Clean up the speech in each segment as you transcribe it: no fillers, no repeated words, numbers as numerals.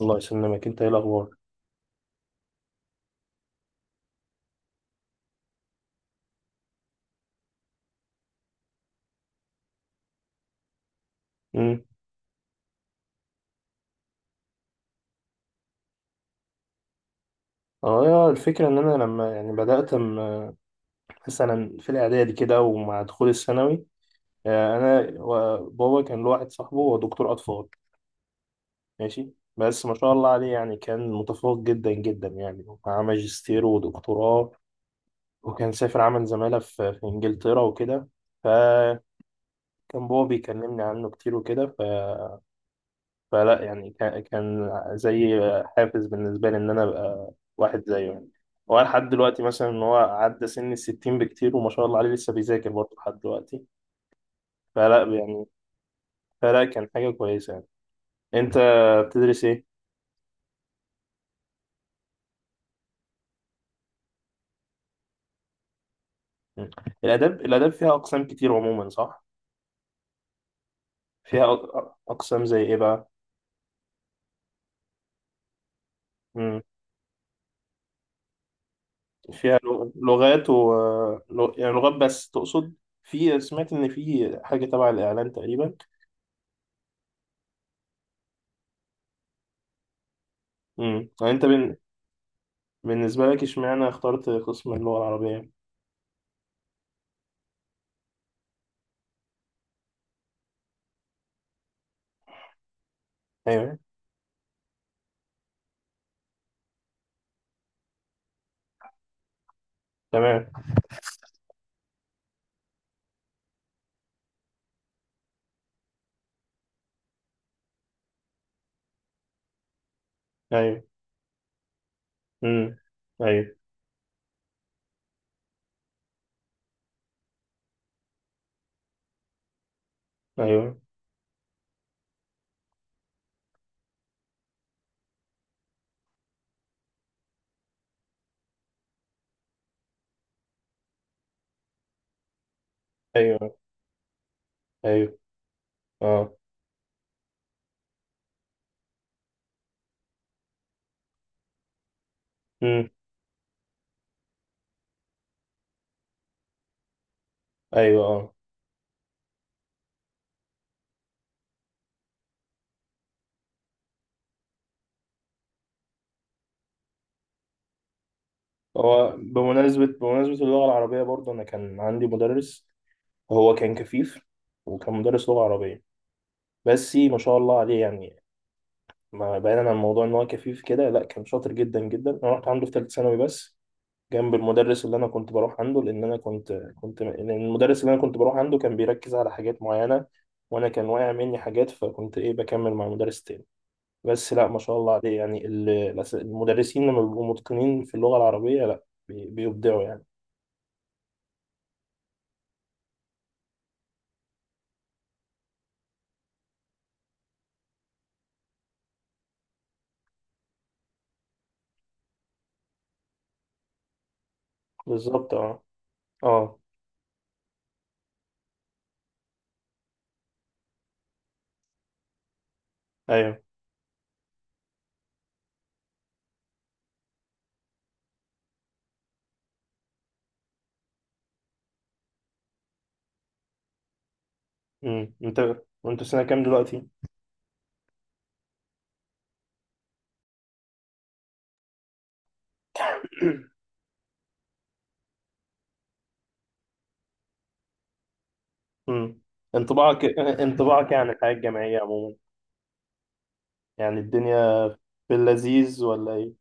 الله يسلمك، انت ايه الاخبار؟ امم. اه، يا الفكره ان انا لما يعني بدات مثلا في الاعدادي كده ومع دخول الثانوي. بابا كان له واحد صاحبه هو دكتور اطفال. ماشي. بس ما شاء الله عليه يعني كان متفوق جدا جدا يعني، ومعاه ماجستير ودكتوراه، وكان سافر عمل زماله في انجلترا وكده. فكان بابا بيكلمني عنه كتير وكده. فلا يعني كان زي حافز بالنسبة لي إن أنا أبقى واحد زيه يعني. هو لحد دلوقتي مثلا إن هو عدى سن الـ60 بكتير، وما شاء الله عليه لسه بيذاكر برضه لحد دلوقتي. فلا يعني، فلا كان حاجة كويسة يعني. أنت بتدرس إيه؟ مم. الآداب فيها أقسام كتير عموما صح؟ فيها أقسام زي إيه بقى؟ مم. فيها لغات و يعني لغات بس تقصد؟ في سمعت إن في حاجة تبع الإعلان تقريبا. مم. يعني أنت بالنسبة لك اشمعنى اخترت قسم اللغة العربية؟ ايوه. تمام. ايوه. امم. ايوه. ايوه. ايوه. ايوه. اه. امم. ايوه. اه. هو بمناسبة اللغة العربية برضه انا كان عندي مدرس. هو كان كفيف، وكان مدرس لغة عربية. بس ما شاء الله عليه يعني، ما بعيدا عن موضوع ان هو كفيف كده لا كان شاطر جدا جدا. انا رحت عنده في ثالثة ثانوي بس، جنب المدرس اللي انا كنت بروح عنده، لان انا كنت لأن المدرس اللي انا كنت بروح عنده كان بيركز على حاجات معينه، وانا كان واقع مني حاجات فكنت ايه بكمل مع مدرس تاني. بس لا ما شاء الله عليه يعني، المدرسين لما بيبقوا متقنين في اللغه العربيه لا بيبدعوا يعني. بالظبط. اه. اه. ايوه. امم. وانت في سنه كام دلوقتي؟ امم، انطباعك انطباعك يعني الحياه الجامعيه عموما، يعني الدنيا، في اللذيذ ولا ايه؟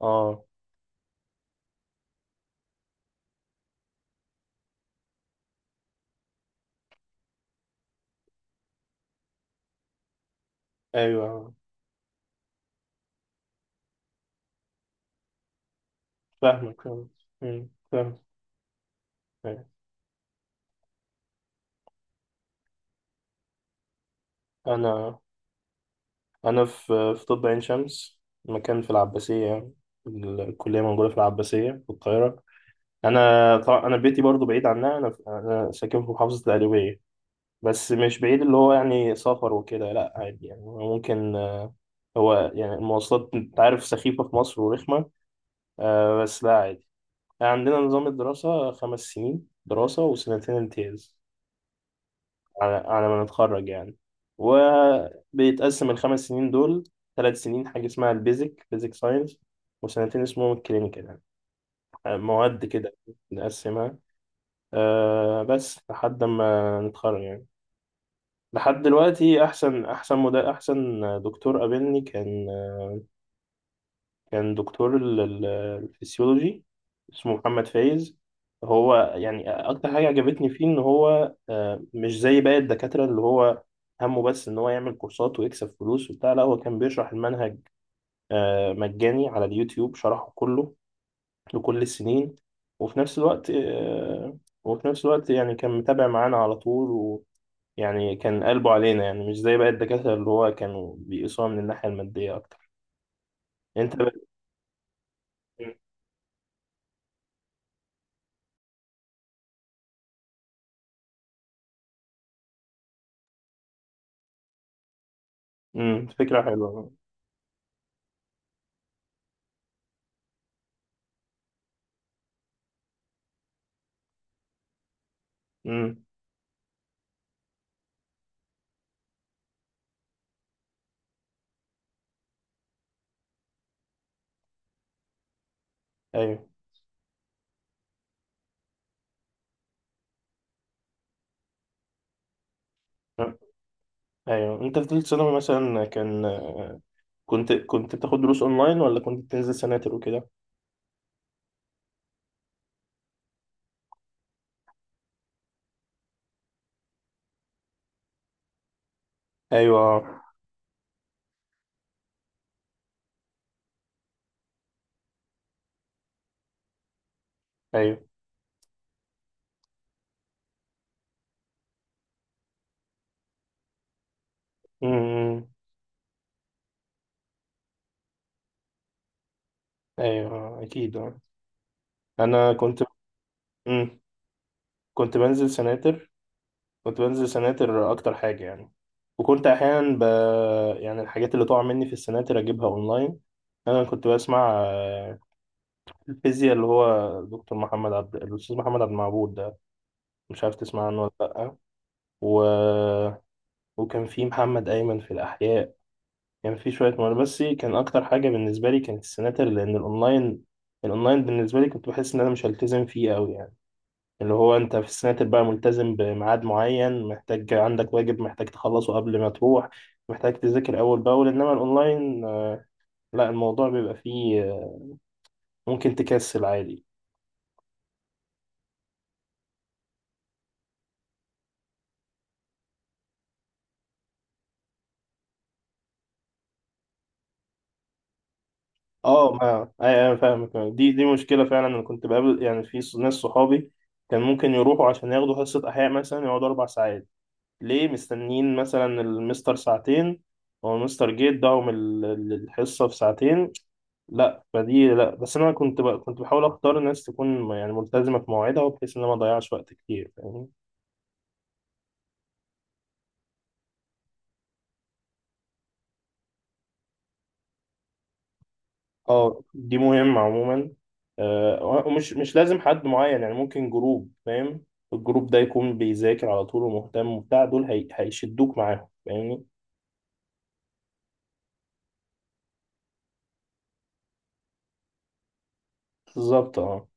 اه. ايوه. فاهمك، فاهمك. امم، فاهمك. أيوه. انا، انا في طب عين شمس. مكان في العباسيه يعني الكليه موجوده في العباسيه في القاهره. انا طبعا انا بيتي برضو بعيد عنها. انا ساكن في محافظه القليوبيه، بس مش بعيد. اللي هو يعني سفر وكده لا عادي يعني، هو ممكن هو يعني المواصلات انت عارف سخيفه في مصر ورخمه. بس لا عادي. عندنا نظام الدراسه 5 سنين دراسه وسنتين امتياز على ما نتخرج يعني. وبيتقسم الخمس سنين دول 3 سنين حاجة اسمها البيزك بيزك ساينس، وسنتين اسمهم الكلينيكال يعني، مواد كده نقسمها. بس لحد ما نتخرج يعني. لحد دلوقتي أحسن دكتور قابلني كان كان دكتور الفسيولوجي، اسمه محمد فايز. هو يعني اكتر حاجه عجبتني فيه ان هو مش زي باقي الدكاتره اللي هو همه بس ان هو يعمل كورسات ويكسب فلوس وبتاع. لا هو كان بيشرح المنهج مجاني على اليوتيوب، شرحه كله لكل السنين. وفي نفس الوقت آه، وفي نفس الوقت يعني كان متابع معانا على طول، ويعني كان قلبه علينا يعني، مش زي باقي الدكاتره اللي هو كانوا بيقيسوها من الناحيه الماديه اكتر. انت بقى- مم، فكره حلوه. امم. ايوه. أه. ايوه، انت في ثالث ثانوي مثلا كان كنت بتاخد دروس اونلاين ولا كنت بتنزل سناتر وكده؟ ايوه. أه. ايوه. امم. ايوه. أه. اكيد. آه. انا كنت امم كنت بنزل سناتر كنت بنزل سناتر اكتر حاجه يعني. وكنت احيانا يعني الحاجات اللي تقع مني في السناتر اجيبها اونلاين. انا كنت بسمع الفيزياء اللي هو دكتور محمد عبد الاستاذ محمد عبد المعبود ده. مش عارف تسمع عنه ولا لا؟ و... وكان في محمد أيمن في الأحياء. كان في شوية مواضيع، بس كان أكتر حاجة بالنسبة لي كانت السناتر، لأن الأونلاين بالنسبة لي كنت بحس إن أنا مش هلتزم فيه أوي يعني. اللي هو أنت في السناتر بقى ملتزم بميعاد معين، محتاج عندك واجب محتاج تخلصه قبل ما تروح، محتاج تذاكر أول بأول. إنما الأونلاين لا الموضوع بيبقى فيه ممكن تكسل عادي. اه، ما أي- أنا فاهمك. دي مشكلة فعلا. أنا كنت بقابل يعني في ناس صحابي كان ممكن يروحوا عشان ياخدوا حصة أحياء مثلا يقعدوا 4 ساعات، ليه مستنيين مثلا المستر ساعتين. هو المستر جه اداهم الحصة في ساعتين. لا فدي لا بس انا كنت كنت بحاول اختار ناس تكون يعني ملتزمة في مواعيدها، وبحيث ان انا ما اضيعش وقت كتير فاهمني. اه، دي مهمة عموما. ومش مش لازم حد معين يعني، ممكن جروب فاهم. الجروب ده يكون بيذاكر على طول ومهتم وبتاع، دول هيشدوك معاهم فاهمني. بالظبط. اه.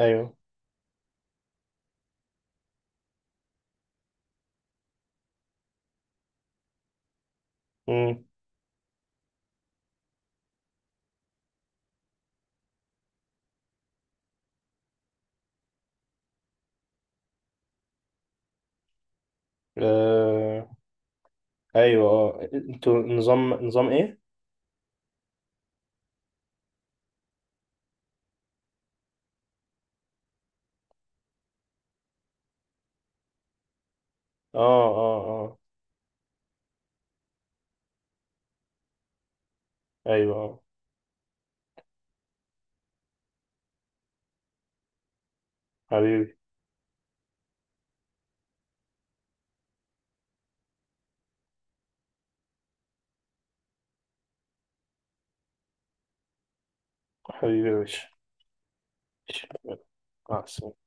ايوه. امم. آه... ايوه. اه، انتوا نظام ايه؟ اه. اه. اه. ايوه. آه. حبيبي، حبيبي يا باشا. مع السلامة